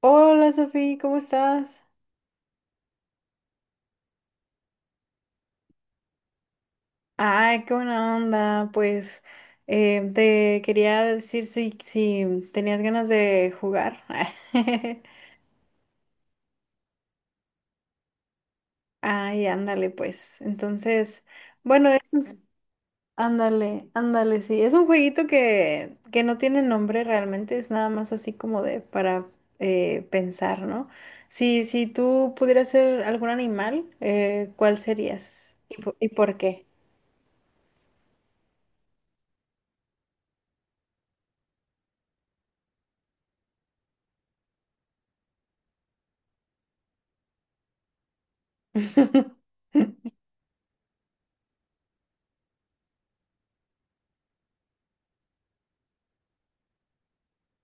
Hola Sofía, ¿cómo estás? Ay, qué buena onda. Pues te quería decir si tenías ganas de jugar. Ay, ándale, pues. Entonces, bueno, ándale, ándale, sí. Es un jueguito que no tiene nombre realmente, es nada más así como de para pensar, ¿no? Si tú pudieras ser algún animal, ¿cuál serías? ¿Y, y por qué?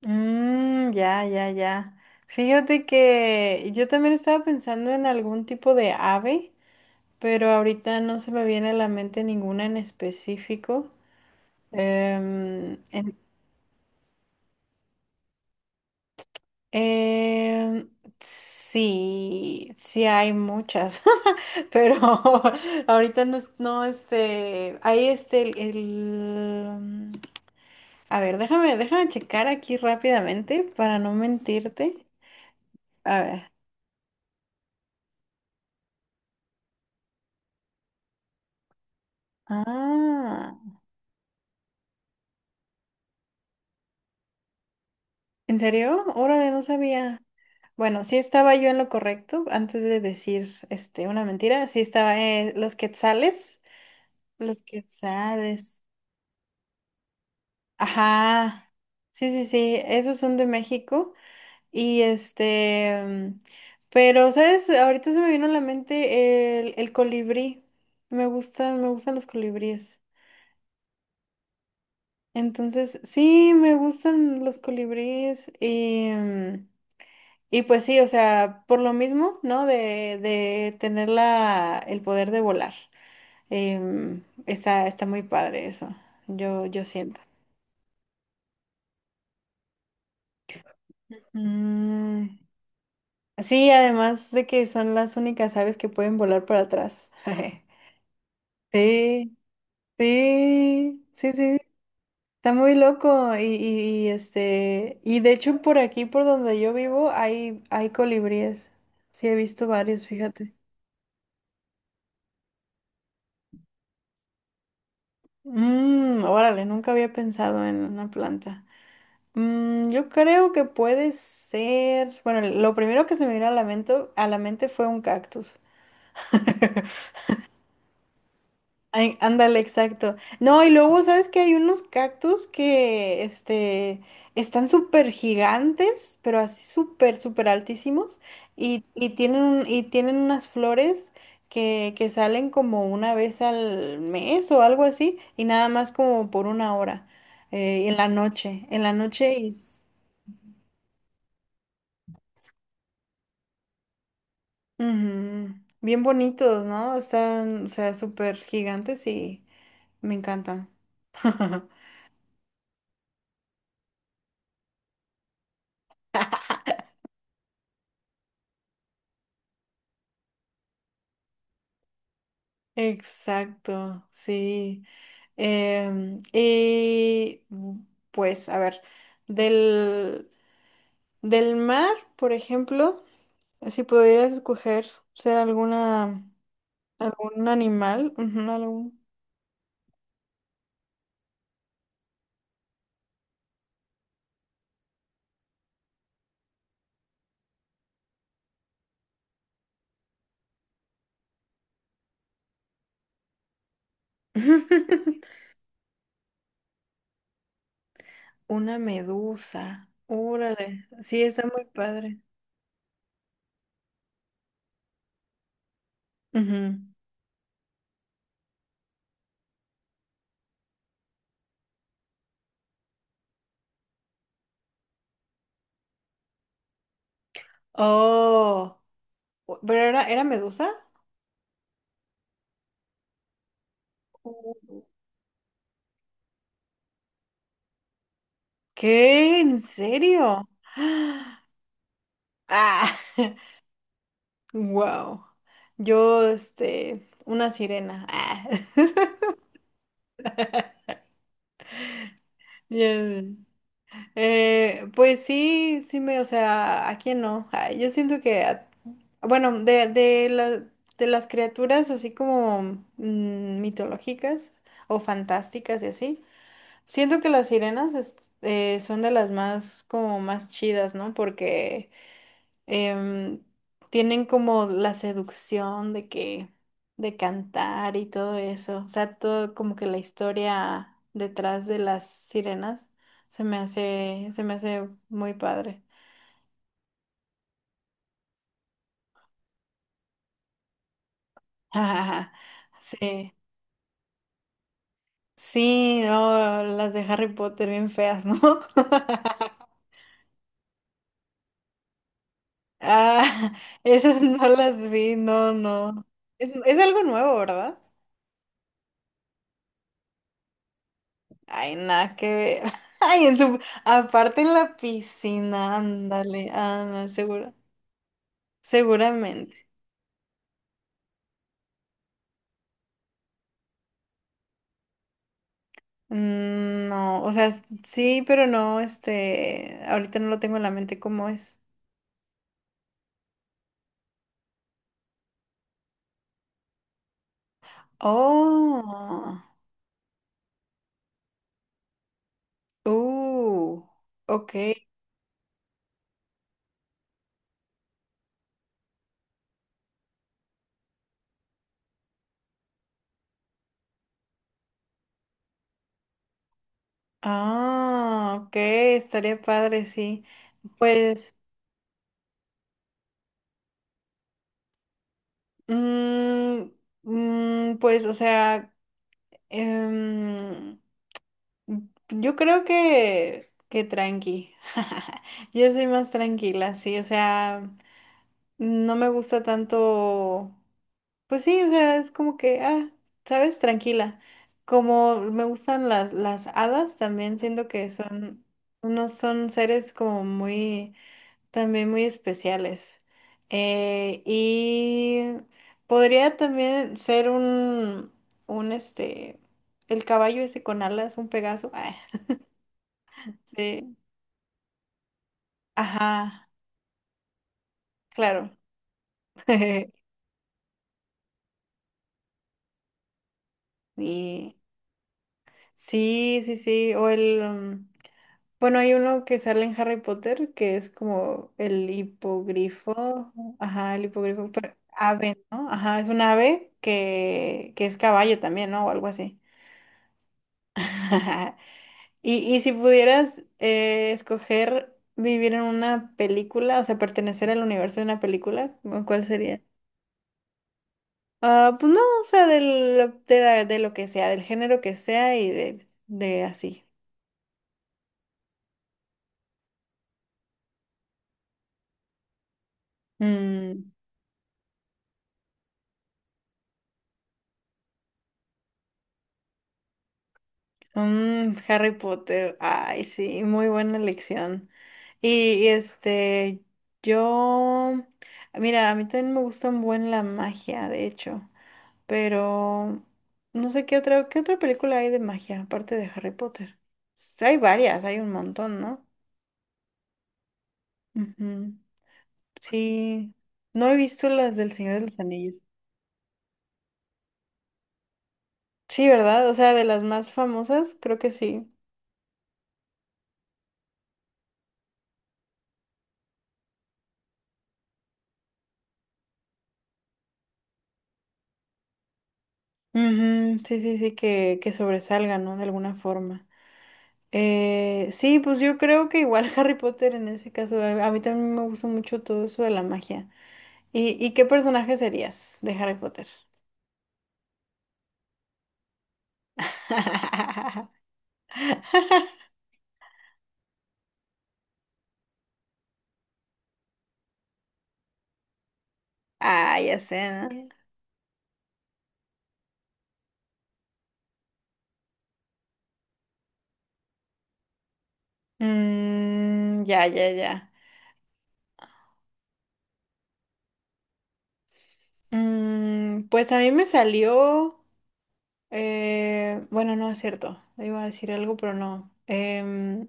Mm, ya, ya, ya. Fíjate que yo también estaba pensando en algún tipo de ave, pero ahorita no se me viene a la mente ninguna en específico. Em, en- em, sí, sí hay muchas, pero ahorita no, no, este, hay este, a ver, déjame checar aquí rápidamente para no mentirte. A ver. Ah. ¿En serio? Órale, no sabía. Bueno, sí estaba yo en lo correcto antes de decir este una mentira. Sí estaba los quetzales, los quetzales. Ajá. Sí, sí, sí, esos son de México y este mm, pero sabes, ahorita se me vino a la mente el colibrí. Me gustan los colibríes. Entonces, sí, me gustan los colibríes y mm, y pues sí, o sea, por lo mismo, ¿no? De tener el poder de volar. Está muy padre eso, yo siento. Mm, sí, además de que son las únicas aves que pueden volar para atrás. Sí, sí, sí, sí. Está muy loco. Este, y de hecho por aquí, por donde yo vivo, hay colibríes. Sí, he visto varios, fíjate. Mm, órale, nunca había pensado en una planta. Mm, yo creo que puede ser. Bueno, lo primero que se me vino a a la mente fue un cactus. Ay, ándale, exacto. No, y luego, ¿sabes que hay unos cactus que, este, están súper gigantes, pero así súper, súper altísimos, y tienen, y tienen unas flores que salen como una vez al mes o algo así, y nada más como por una hora, en la noche, y ujú. Bien bonitos, ¿no? Están, o sea, súper gigantes y me encantan. Exacto, sí. Em, y mm, pues, a ver, del, del mar, por ejemplo, si pudieras escoger ser alguna, algún animal, ujú, algún- Una medusa. Órale, sí, está muy padre. Ujú. Oh. ¿Pero era medusa? Uh. ¿Qué? ¿En serio? Ah, wow. Yo, este, una sirena. Ah. Bien. Pues sí, sí me, o sea, ¿a quién no? Ay, yo siento que, bueno, de las criaturas así como mm, mitológicas o fantásticas y así, siento que son de las más como más chidas, ¿no? Porque em, tienen como la seducción de que de cantar y todo eso, o sea, todo como que la historia detrás de las sirenas se me hace muy padre. Sí. Sí, no, las de Harry Potter bien feas, ¿no? Ah, esas no las vi, no, no. Es algo nuevo, ¿verdad? Ay, nada que ver. Ay, en su... aparte en la piscina, ándale, ah, no, seguro, seguramente. Mm, no, o sea, sí, pero no, este, ahorita no lo tengo en la mente cómo es. Oh, uh, ok. Ah, ok, estaría padre, sí. Pues, mm, mm, pues, o sea, em, yo creo que tranqui. Yo soy más tranquila, sí, o sea, no me gusta tanto, pues sí, o sea, es como que, ah, sabes, tranquila. Como me gustan las hadas, también siento que son, unos son seres como muy, también muy especiales. Y podría también ser este, el caballo ese con alas, un Pegaso. sí. Ajá, claro. Y sí, sí, sí. O el. Um, bueno, hay uno que sale en Harry Potter que es como el hipogrifo. Ajá, el hipogrifo. Pero ave, ¿no? Ajá, es un ave que es caballo también, ¿no? O algo así. Y, y si pudieras escoger vivir en una película, o sea, pertenecer al universo de una película, ¿cuál sería? Ah, pues no, o sea, de lo que sea, del género que sea y de así. Mm, mm, Harry Potter, ay, sí, muy buena elección. Y, este, yo, mira, a mí también me gusta un buen la magia, de hecho, pero no sé qué otra película hay de magia aparte de Harry Potter. Hay varias, hay un montón, ¿no? Ujú. Sí, no he visto las del Señor de los Anillos. Sí, ¿verdad? O sea, de las más famosas, creo que sí. Ujú, sí, sí, sí, que sobresalga, ¿no? De alguna forma. Sí, pues yo creo que igual Harry Potter en ese caso, a mí también me gusta mucho todo eso de la magia. Y qué personaje serías de Harry Potter? Ah, ya sé, ¿no? Mm, ya, ya, ya. Mm, pues a mí me salió. Bueno, no es cierto. Iba a decir algo, pero no. Em,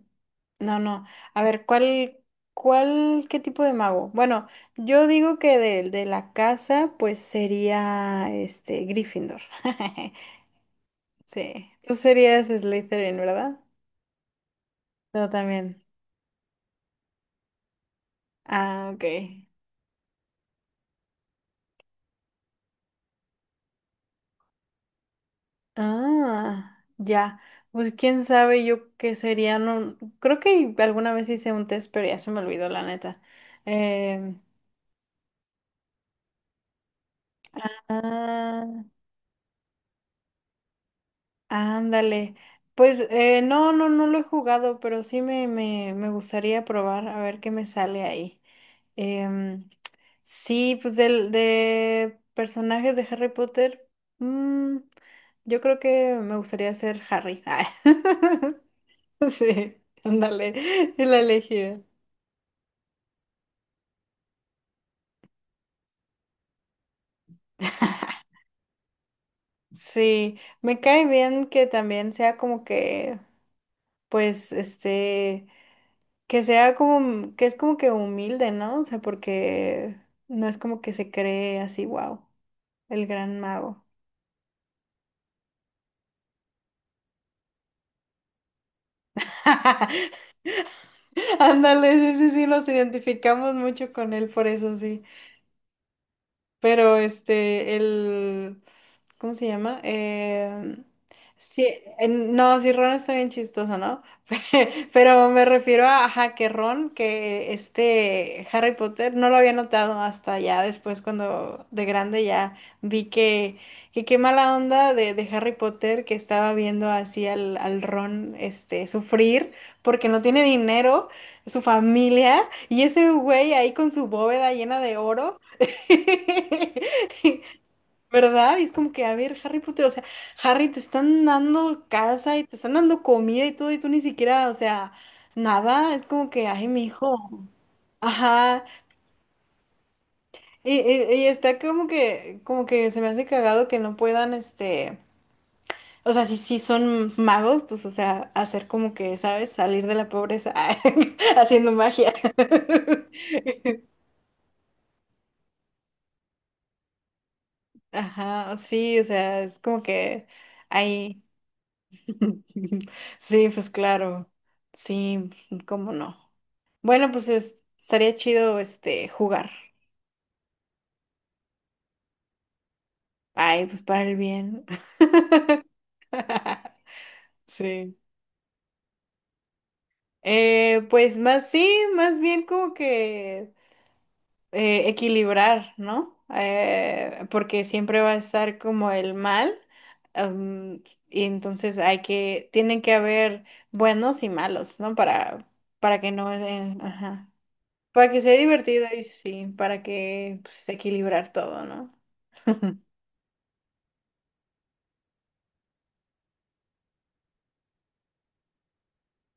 no, no. A ver, ¿ qué tipo de mago? Bueno, yo digo que del de la casa, pues sería este Gryffindor. Sí. Tú serías Slytherin, ¿verdad? Yo también. Ah, ok. Ah, ya. Pues quién sabe yo qué sería. No, creo que alguna vez hice un test, pero ya se me olvidó, la neta. Eh, Ándale. Pues no, no, no lo he jugado, pero sí me, me gustaría probar a ver qué me sale ahí. Em, sí, pues del, de personajes de Harry Potter, mm, yo creo que me gustaría ser Harry. Ah, sí, ándale, la elegida. Sí, me cae bien que también sea como que, pues, este... que sea como, que es como que humilde, ¿no? O sea, porque no es como que se cree así, wow, el gran mago. Ándale, sí, sí, sí, nos identificamos mucho con él, por eso sí. Pero este, el... ¿Cómo se llama? Sí, no, sí, Ron está bien chistoso, ¿no? Pero me refiero a, ajá, que Ron, que este Harry Potter, no lo había notado hasta ya después cuando de grande ya vi que qué mala onda de Harry Potter que estaba viendo así al Ron este, sufrir porque no tiene dinero, su familia, y ese güey ahí con su bóveda llena de oro. ¿Verdad? Y es como que, a ver, Harry Potter, o sea, Harry, te están dando casa y te están dando comida y todo, y tú ni siquiera, o sea, nada, es como que, ay, mi hijo. Ajá, y está como que se me hace cagado que no puedan, este, o sea, si son magos, pues, o sea, hacer como que, ¿sabes? Salir de la pobreza haciendo magia. Ajá, sí, o sea, es como que ahí. Sí, pues claro. Sí, cómo no. Bueno, pues estaría chido este jugar. Ay, pues para el bien. Sí. Pues más sí, más bien como que equilibrar, ¿no? Porque siempre va a estar como el mal. Am, y entonces hay que, tienen que haber buenos y malos, ¿no? Para que no, ajá. Para que sea divertido y sí, para que pues, equilibrar todo, ¿no?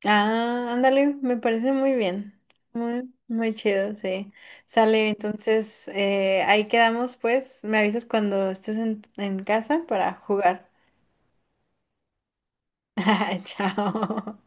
Ah, ándale, me parece muy bien. Muy, muy chido, sí. Sale, entonces ahí quedamos, pues. Me avisas cuando estés en casa para jugar. Chao.